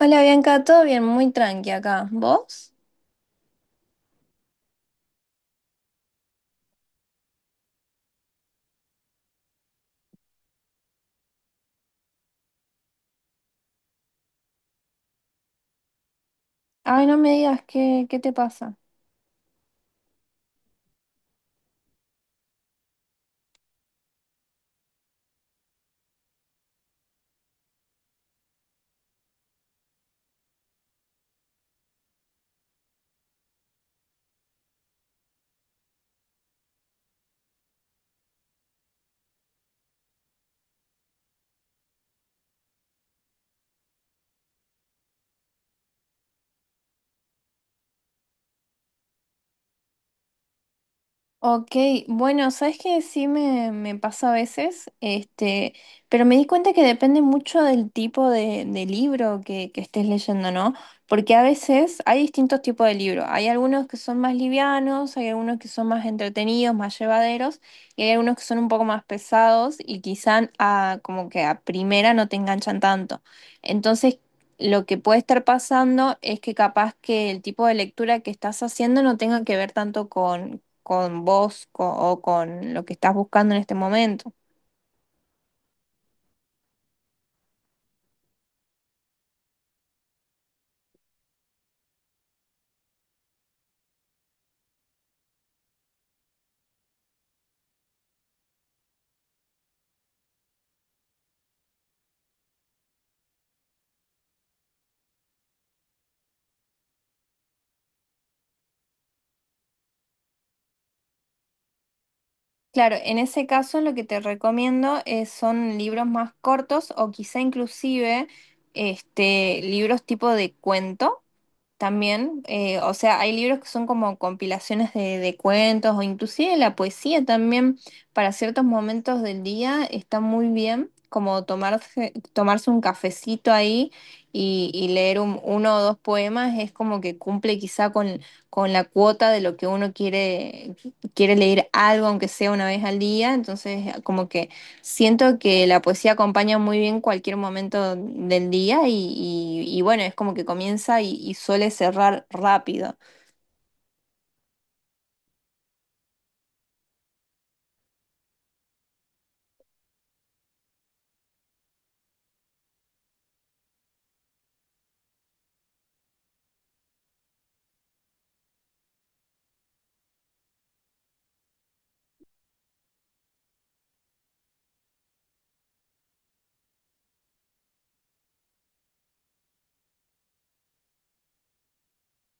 Hola Bianca, todo bien, muy tranqui acá. ¿Vos? Ay, no me digas qué, qué te pasa. Ok, bueno, sabes que sí me pasa a veces, este, pero me di cuenta que depende mucho del tipo de libro que estés leyendo, ¿no? Porque a veces hay distintos tipos de libros. Hay algunos que son más livianos, hay algunos que son más entretenidos, más llevaderos, y hay algunos que son un poco más pesados y quizá como que a primera no te enganchan tanto. Entonces, lo que puede estar pasando es que capaz que el tipo de lectura que estás haciendo no tenga que ver tanto con vos o con lo que estás buscando en este momento. Claro, en ese caso lo que te recomiendo son libros más cortos o quizá inclusive este, libros tipo de cuento. También, o sea, hay libros que son como compilaciones de cuentos o inclusive la poesía también para ciertos momentos del día está muy bien, como tomarse un cafecito ahí y leer uno o dos poemas es como que cumple quizá con la cuota de lo que uno quiere, quiere leer algo, aunque sea una vez al día, entonces como que siento que la poesía acompaña muy bien cualquier momento del día y bueno, es como que comienza y suele cerrar rápido.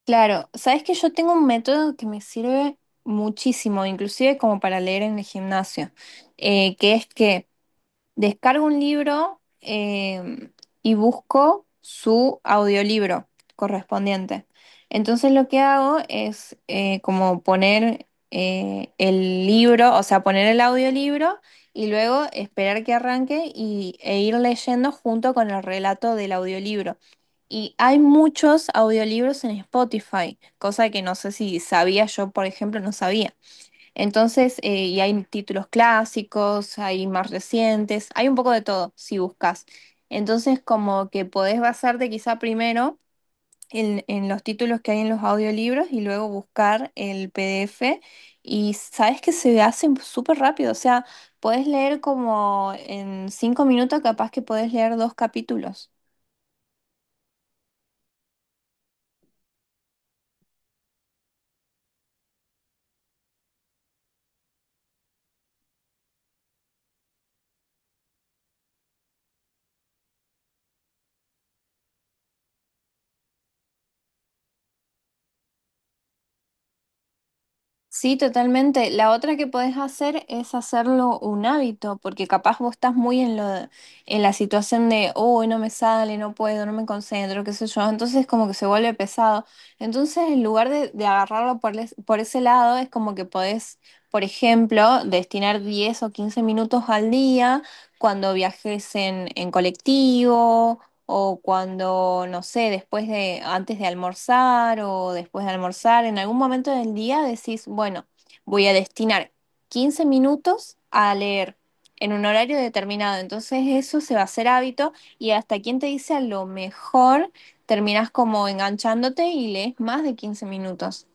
Claro, sabes que yo tengo un método que me sirve muchísimo, inclusive como para leer en el gimnasio, que es que descargo un libro y busco su audiolibro correspondiente. Entonces lo que hago es como poner el libro, o sea, poner el audiolibro y luego esperar que arranque e ir leyendo junto con el relato del audiolibro. Y hay muchos audiolibros en Spotify, cosa que no sé si sabía yo, por ejemplo, no sabía. Entonces, y hay títulos clásicos, hay más recientes, hay un poco de todo si buscas. Entonces, como que podés basarte quizá primero en los títulos que hay en los audiolibros y luego buscar el PDF. Y sabes que se hacen súper rápido, o sea, podés leer como en cinco minutos, capaz que podés leer dos capítulos. Sí, totalmente. La otra que podés hacer es hacerlo un hábito, porque capaz vos estás muy en lo, en la situación de, oh, no me sale, no puedo, no me concentro, qué sé yo. Entonces como que se vuelve pesado. Entonces en lugar de agarrarlo por ese lado, es como que podés, por ejemplo, destinar 10 o 15 minutos al día cuando viajes en colectivo o cuando, no sé, después de, antes de almorzar o después de almorzar, en algún momento del día decís, bueno, voy a destinar 15 minutos a leer en un horario determinado. Entonces eso se va a hacer hábito y hasta quien te dice a lo mejor terminas como enganchándote y lees más de 15 minutos.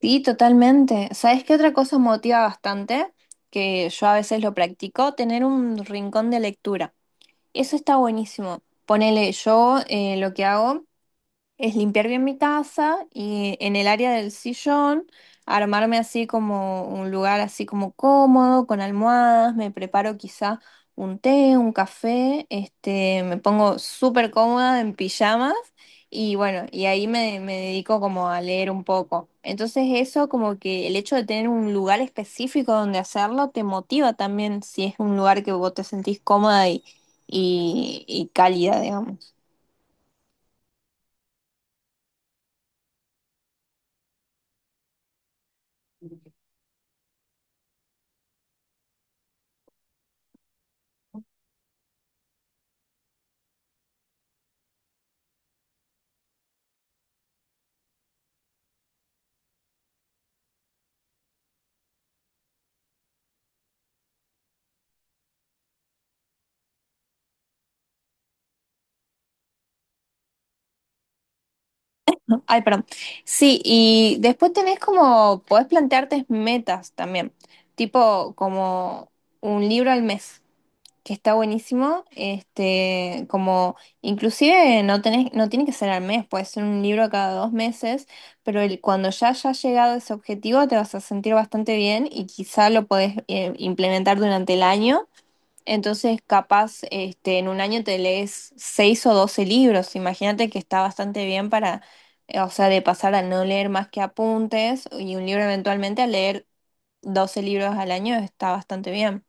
Sí, totalmente. ¿Sabes qué otra cosa motiva bastante? Que yo a veces lo practico, tener un rincón de lectura. Eso está buenísimo. Ponele, yo lo que hago es limpiar bien mi casa y en el área del sillón armarme así como un lugar así como cómodo, con almohadas, me preparo quizá un té, un café, este, me pongo súper cómoda en pijamas y bueno, y ahí me dedico como a leer un poco. Entonces eso como que el hecho de tener un lugar específico donde hacerlo te motiva también si es un lugar que vos te sentís cómoda y cálida, digamos. Ay, perdón. Sí, y después tenés como, podés plantearte metas también, tipo como un libro al mes, que está buenísimo, este, como inclusive no tenés, no tiene que ser al mes, puede ser un libro cada dos meses, pero el, cuando ya hayas llegado a ese objetivo te vas a sentir bastante bien y quizá lo podés implementar durante el año entonces, capaz, este, en un año te lees seis o 12 libros. Imagínate que está bastante bien para, o sea, de pasar a no leer más que apuntes y un libro eventualmente a leer 12 libros al año está bastante bien.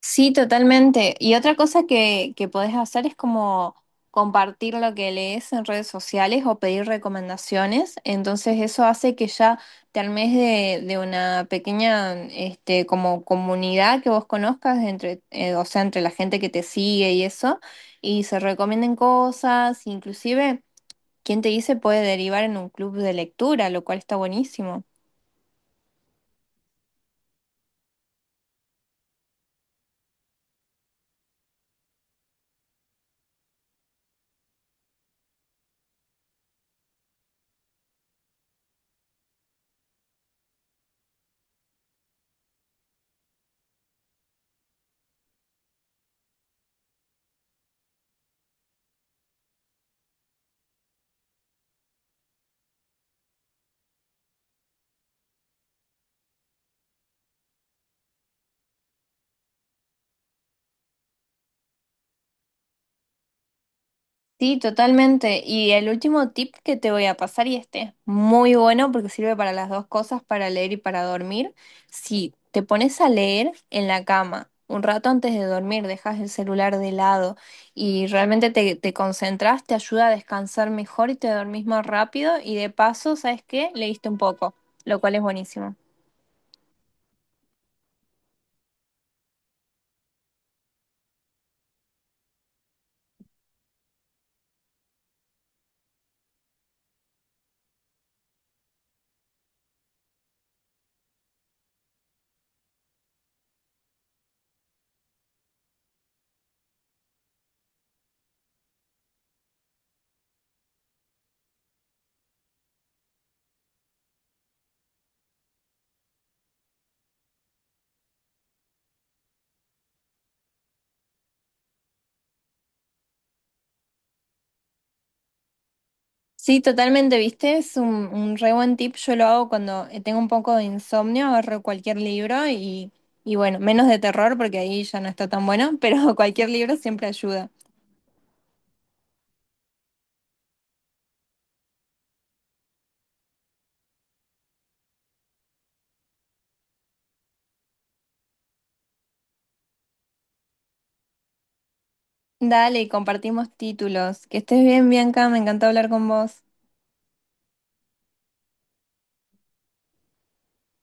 Sí, totalmente. Y otra cosa que podés hacer es como compartir lo que lees en redes sociales o pedir recomendaciones. Entonces eso hace que ya te armes de una pequeña este, como comunidad que vos conozcas entre, o sea, entre la gente que te sigue y eso, y se recomienden cosas, inclusive, quien te dice puede derivar en un club de lectura, lo cual está buenísimo. Sí, totalmente. Y el último tip que te voy a pasar, y este es muy bueno porque sirve para las dos cosas, para leer y para dormir. Si te pones a leer en la cama un rato antes de dormir, dejas el celular de lado y realmente te concentras, te ayuda a descansar mejor y te dormís más rápido. Y de paso, ¿sabes qué? Leíste un poco, lo cual es buenísimo. Sí, totalmente, ¿viste? Es un re buen tip. Yo lo hago cuando tengo un poco de insomnio, agarro cualquier libro y bueno, menos de terror porque ahí ya no está tan bueno, pero cualquier libro siempre ayuda. Dale, compartimos títulos. Que estés bien, Bianca, me encantó hablar con vos.